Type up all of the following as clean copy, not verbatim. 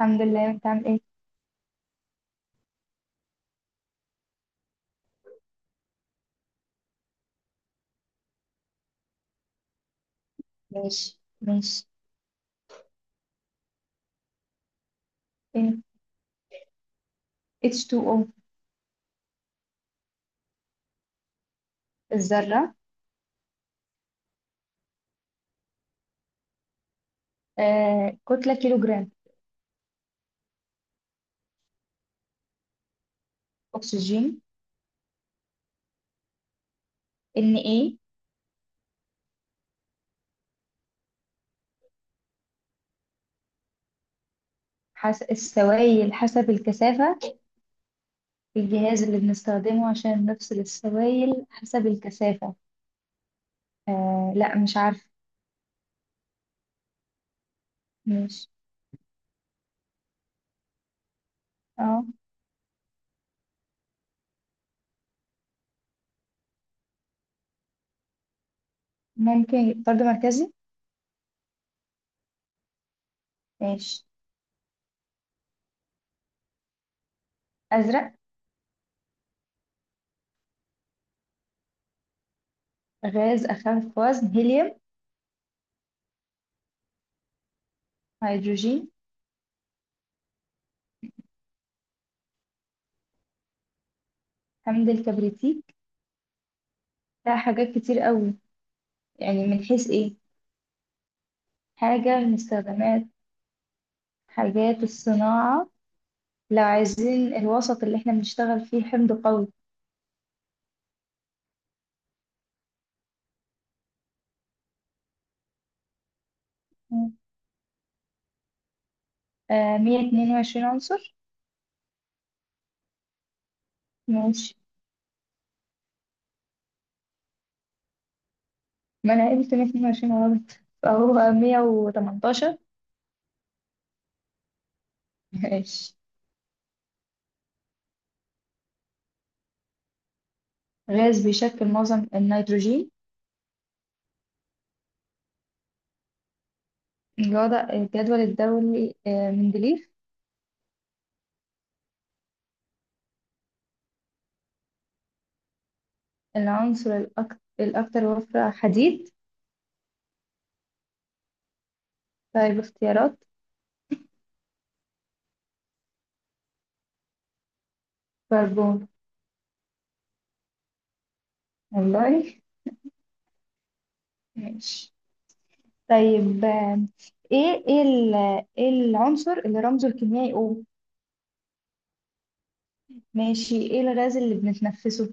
الحمد لله، انت عامل ايه؟ ماشي، ماشي. ان H2O. الذرة. كتلة كيلوغرام. أكسجين. ايه؟ السوائل حسب الكثافة. الجهاز اللي بنستخدمه عشان نفصل السوائل حسب الكثافة. آه، لا، مش عارفة. ماشي. اه. ممكن طرد مركزي. ماشي. أزرق. غاز أخف وزن هيليوم. هيدروجين. حمض الكبريتيك. لا، حاجات كتير قوي. يعني من حيث ايه؟ حاجة من استخدامات حاجات الصناعة. لو عايزين الوسط اللي احنا بنشتغل فيه حمض قوي. مم. مية اتنين وعشرين عنصر. ماشي، ما أنا قلت مية اتنين وعشرين غلط. فهو مية وتمنتاشر. ماشي. غاز بيشكل معظم النيتروجين. الوضع الجدول الدوري، مندليف. العنصر الأكثر وفرة حديد. طيب، اختيارات. كربون. والله. ماشي. طيب، إيه العنصر اللي رمزه الكيميائي O؟ ماشي، ايه الغاز اللي بنتنفسه؟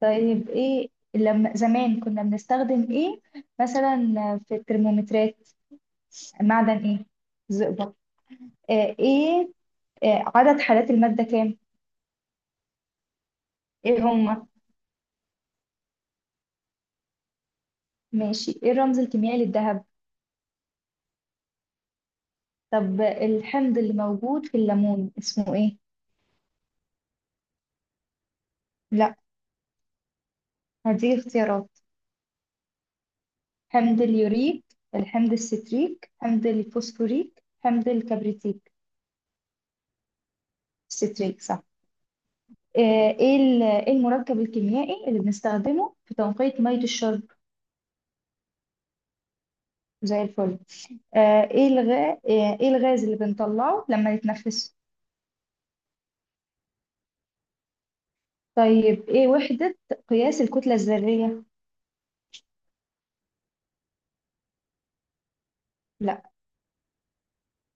طيب، ايه لما زمان كنا بنستخدم ايه مثلا في الترمومترات؟ معدن ايه؟ زئبق. آه ايه آه عدد حالات المادة كام؟ ايه هما؟ ماشي، ايه الرمز الكيميائي للذهب؟ طب الحمض اللي موجود في الليمون اسمه ايه؟ لا. هدي اختيارات. حمض اليوريك، الحمض الستريك، حمض الفوسفوريك، حمض الكبريتيك. ستريك، صح. آه، إيه المركب الكيميائي اللي بنستخدمه في تنقية مية الشرب؟ زي الفل. آه، ايه الغاز ايه الغاز اللي بنطلعه لما نتنفسه؟ طيب، ايه وحدة قياس الكتلة الذرية؟ لا.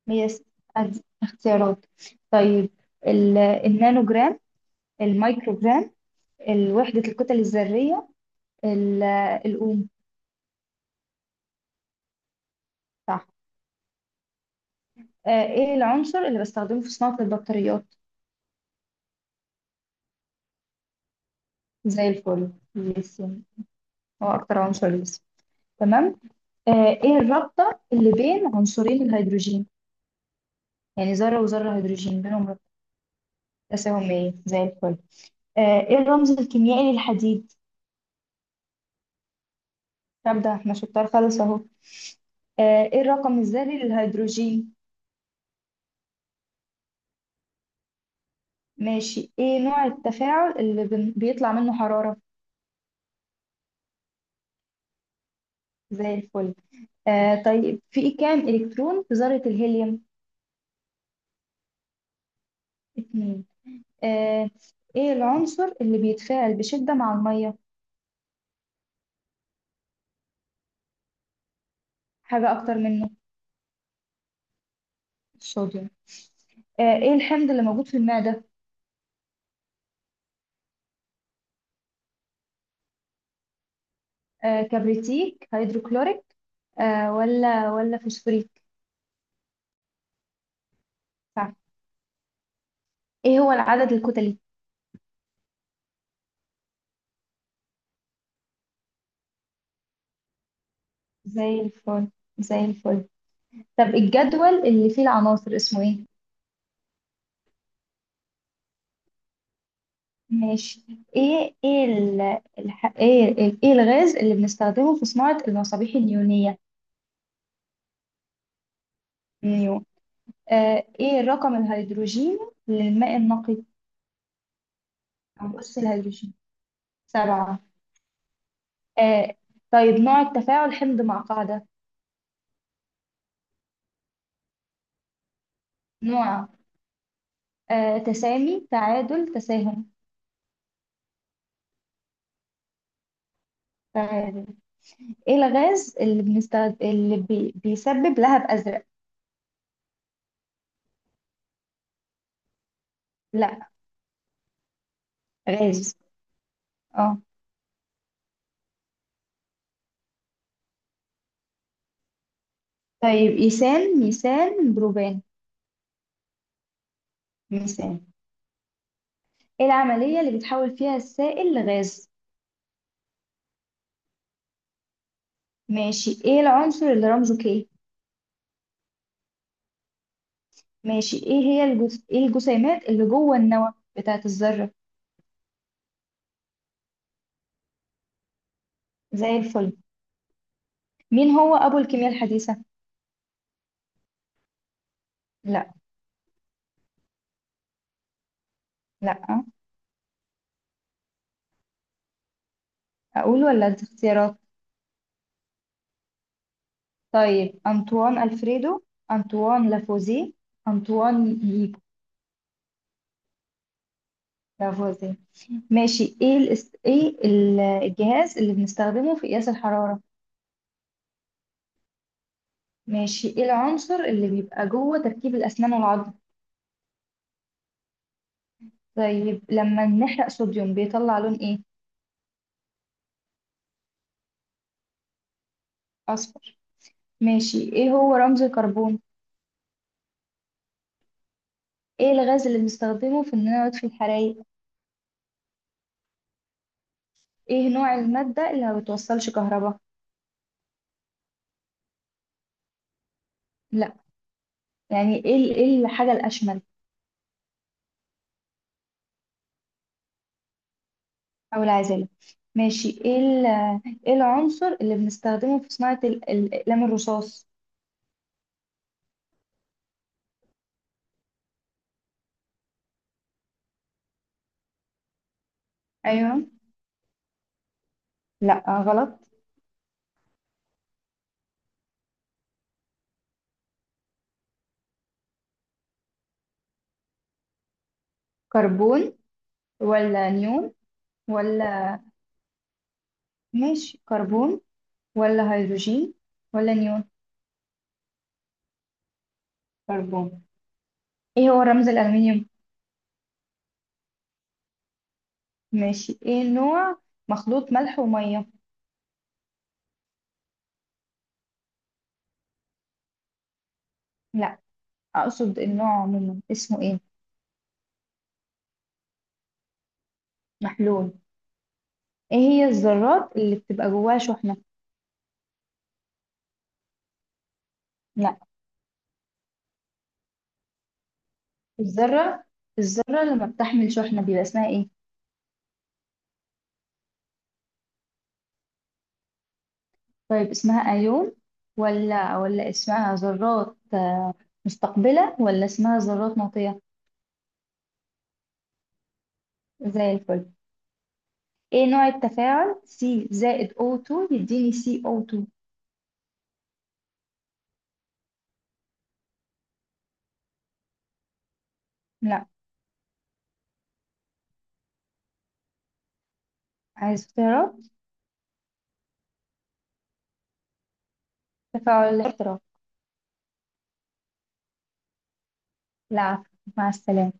مقياس، أدي اختيارات. طيب، النانو جرام، المايكرو جرام، وحدة الكتل الذرية، ال- الأوم. صح. ايه العنصر اللي بستخدمه في صناعة البطاريات؟ زي الفل، ليثيوم. هو أكتر عنصر ليثيوم. تمام. آه، ايه الرابطة اللي بين عنصرين الهيدروجين؟ يعني ذرة وذرة هيدروجين بينهم رابطة؟ تساهم، ايه، زي الفل. ايه الرمز الكيميائي للحديد؟ طب ده احنا شطار خالص اهو. ايه الرقم الذري للهيدروجين؟ ماشي، ايه نوع التفاعل اللي بيطلع منه حرارة؟ زي الفل. طيب، في كام الكترون في ذرة الهيليوم؟ اتنين. آه، ايه العنصر اللي بيتفاعل بشدة مع المية؟ حاجة اكتر منه. الصوديوم. ايه الحمض اللي موجود في المعدة؟ كبريتيك، هيدروكلوريك، ولا فوسفوريك. صح. ايه هو العدد الكتلي؟ زي الفل، زي الفل. طب الجدول اللي فيه العناصر اسمه ايه؟ ماشي. ايه ايه ال... الح... ايه ال- ايه الغاز اللي بنستخدمه في صناعة المصابيح النيونية؟ نيو. ايه الرقم الهيدروجيني للماء النقي؟ او بص الهيدروجين. سبعة. آه طيب، نوع التفاعل حمض مع قاعدة؟ نوع، تسامي، تعادل، تساهم. تعادل. ايه الغاز اللي بنستخد... اللي بي... بيسبب لهب ازرق؟ لا. غاز. اه. طيب، ايثان، ميثان، بروبان. ميثان. ايه العملية اللي بتحول فيها السائل لغاز؟ ماشي، ايه العنصر اللي رمزه كي؟ ماشي، ايه هي الجز... ايه الجسيمات اللي جوه النواة بتاعة الذرة؟ زي الفل. مين هو ابو الكيمياء الحديثة؟ لا. لا، آه. اقول ولا أدي اختيارات؟ طيب، انطوان الفريدو، انطوان لافوزيه، انطوان ييجو. لافوزيه. ماشي، ايه الجهاز اللي بنستخدمه في قياس الحرارة؟ ماشي، ايه العنصر اللي بيبقى جوه تركيب الأسنان والعظم؟ طيب، لما نحرق صوديوم بيطلع لون ايه؟ أصفر. ماشي، ايه هو رمز الكربون؟ ايه الغاز اللي بنستخدمه في اننا نطفي الحرايق؟ ايه نوع المادة اللي ما بتوصلش كهرباء؟ لا. يعني ايه الحاجة الأشمل؟ أو العازلة. ماشي. ايه العنصر اللي بنستخدمه في صناعة الأقلام الرصاص؟ ايوه. لا غلط. كربون ولا نيون ولا، ماشي، كربون ولا هيدروجين ولا نيون. كربون. ايه هو رمز الألمنيوم؟ ماشي، ايه نوع مخلوط ملح ومية؟ لا. اقصد النوع عموما اسمه ايه؟ محلول. ايه هي الذرات اللي بتبقى جواها شحنة؟ لا. الذرة الذرة اللي ما بتحمل شحنة بيبقى اسمها ايه؟ طيب، اسمها ايون، ولا اسمها ذرات مستقبلة، ولا اسمها ذرات ناطية؟ زي الفل. ايه نوع التفاعل سي زائد O2 يديني CO2؟ لا. عايز اختيارات. تفاعل الاحتراق. لا، عفوا. مع السلامة.